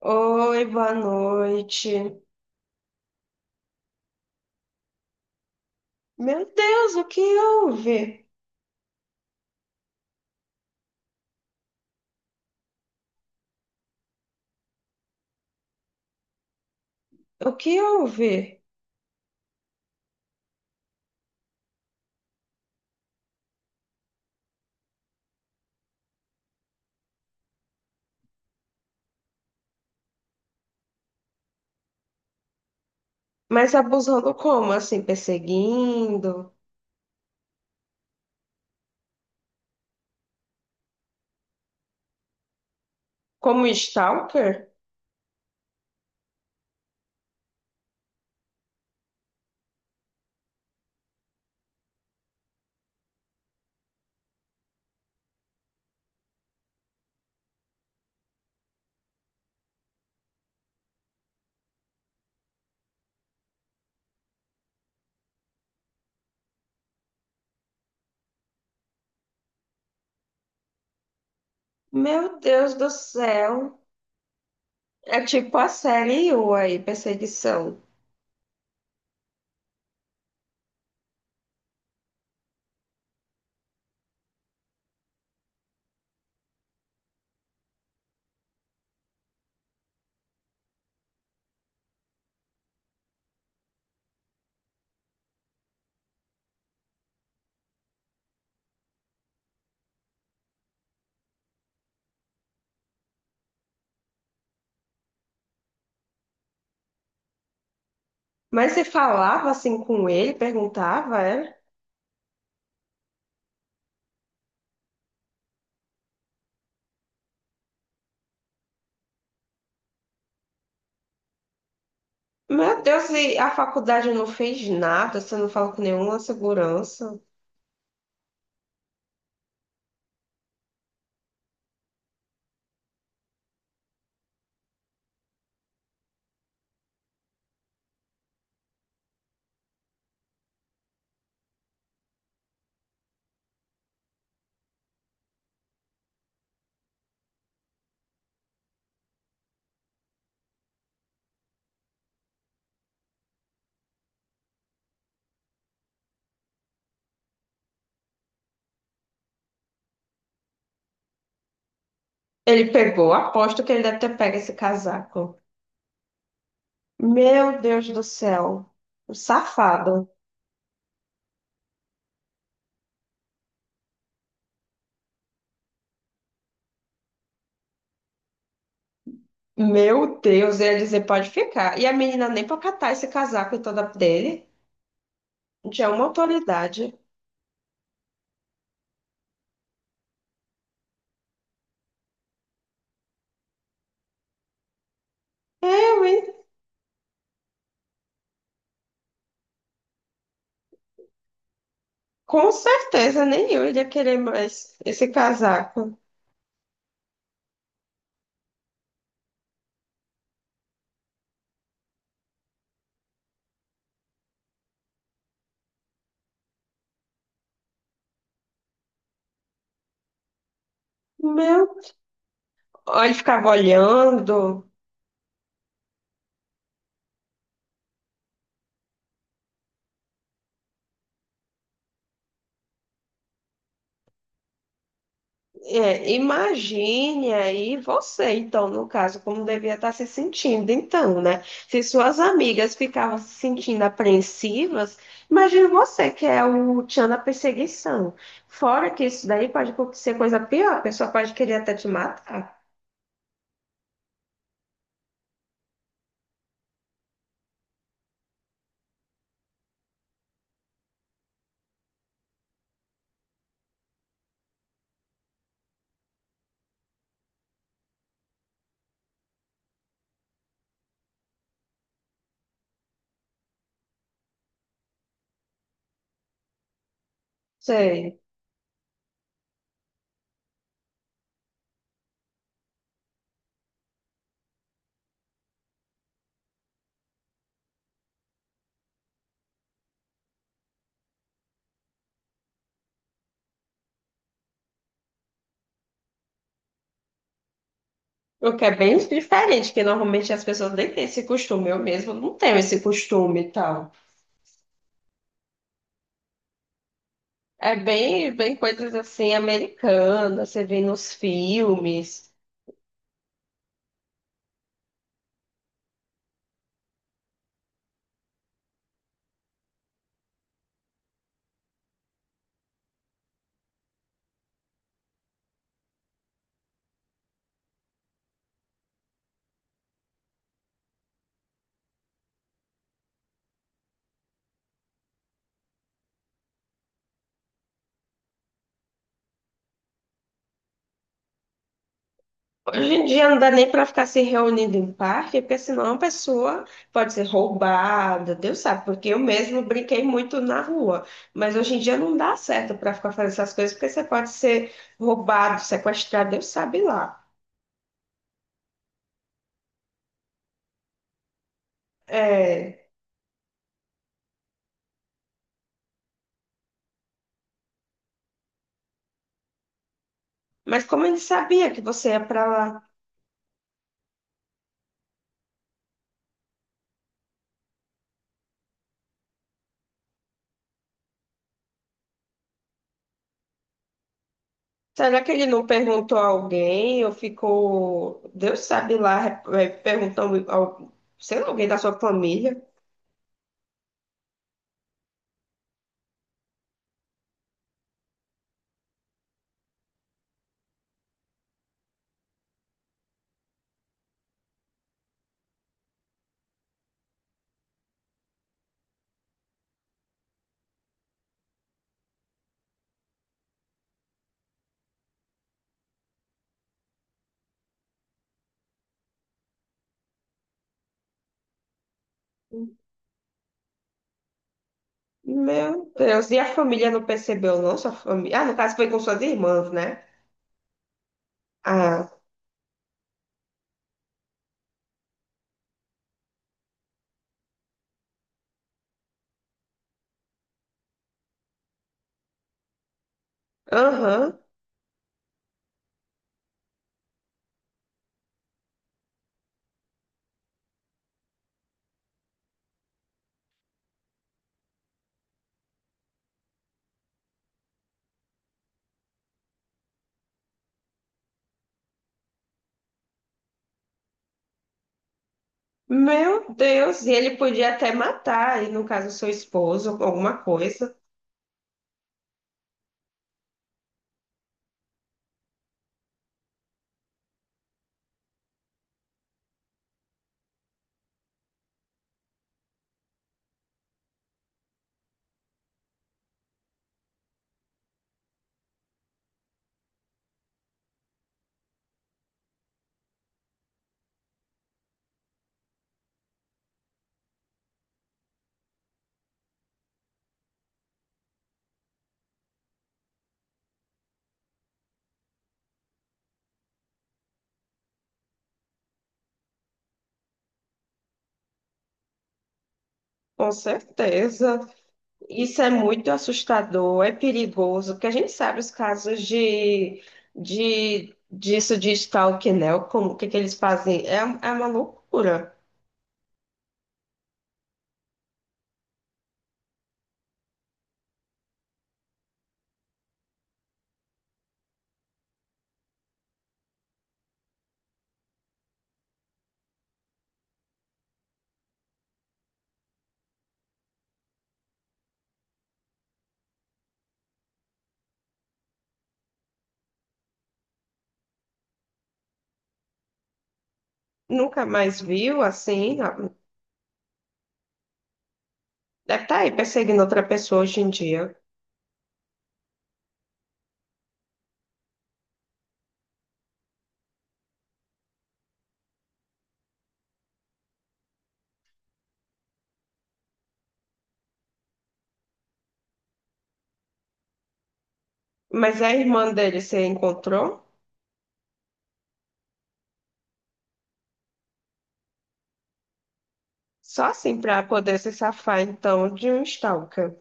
Oi, boa noite. Meu Deus, o que houve? O que houve? Mas abusando como? Assim, perseguindo? Como stalker? Meu Deus do céu. É tipo a série U aí, perseguição. Mas você falava assim com ele, perguntava, é? Meu Deus, e a faculdade não fez nada, você não falou com nenhuma segurança. Ele pegou, aposto que ele deve ter pego esse casaco. Meu Deus do céu. O safado. Meu Deus, ele ia dizer, pode ficar. E a menina nem pra catar esse casaco toda dele. Já é uma autoridade. Eu, hein? Com certeza, nem eu iria querer mais esse casaco. Meu. Ó, ele ficava olhando. É, imagine aí você, então, no caso, como devia estar se sentindo, então, né? Se suas amigas ficavam se sentindo apreensivas, imagine você, que é o tchan da perseguição. Fora que isso daí pode acontecer coisa pior, a pessoa pode querer até te matar. Sei. O que é bem diferente, que normalmente as pessoas nem têm esse costume, eu mesmo não tenho esse costume e tal. É bem coisas assim, americanas, você vê nos filmes. Hoje em dia não dá nem para ficar se reunindo em parque, porque senão a pessoa pode ser roubada, Deus sabe, porque eu mesmo brinquei muito na rua. Mas hoje em dia não dá certo para ficar fazendo essas coisas, porque você pode ser roubado, sequestrado, Deus sabe lá. É, mas como ele sabia que você ia para lá? Será que ele não perguntou a alguém ou ficou, Deus sabe lá, é, perguntando, ao, sei lá, alguém da sua família? Meu Deus, e a família não percebeu, não? Sua família. Ah, no caso foi com suas irmãs, né? Ah, aham. Meu Deus, e ele podia até matar, e no caso seu esposo, alguma coisa. Com certeza. Isso é muito assustador, é perigoso, porque a gente sabe os casos de disso de stalking, né? Como, o que que eles fazem? É, é uma loucura. Nunca mais viu assim. Deve estar aí perseguindo outra pessoa hoje em dia. Mas a irmã dele você encontrou? Só assim pra poder se safar, então, de um stalker.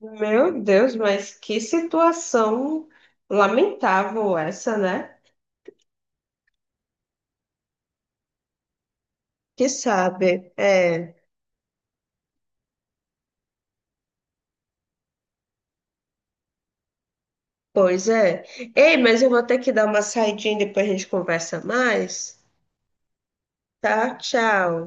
Meu Deus, mas que situação lamentável essa, né? Que sabe, é, pois é. Ei, mas eu vou ter que dar uma saidinha, depois a gente conversa mais, tá? Tchau.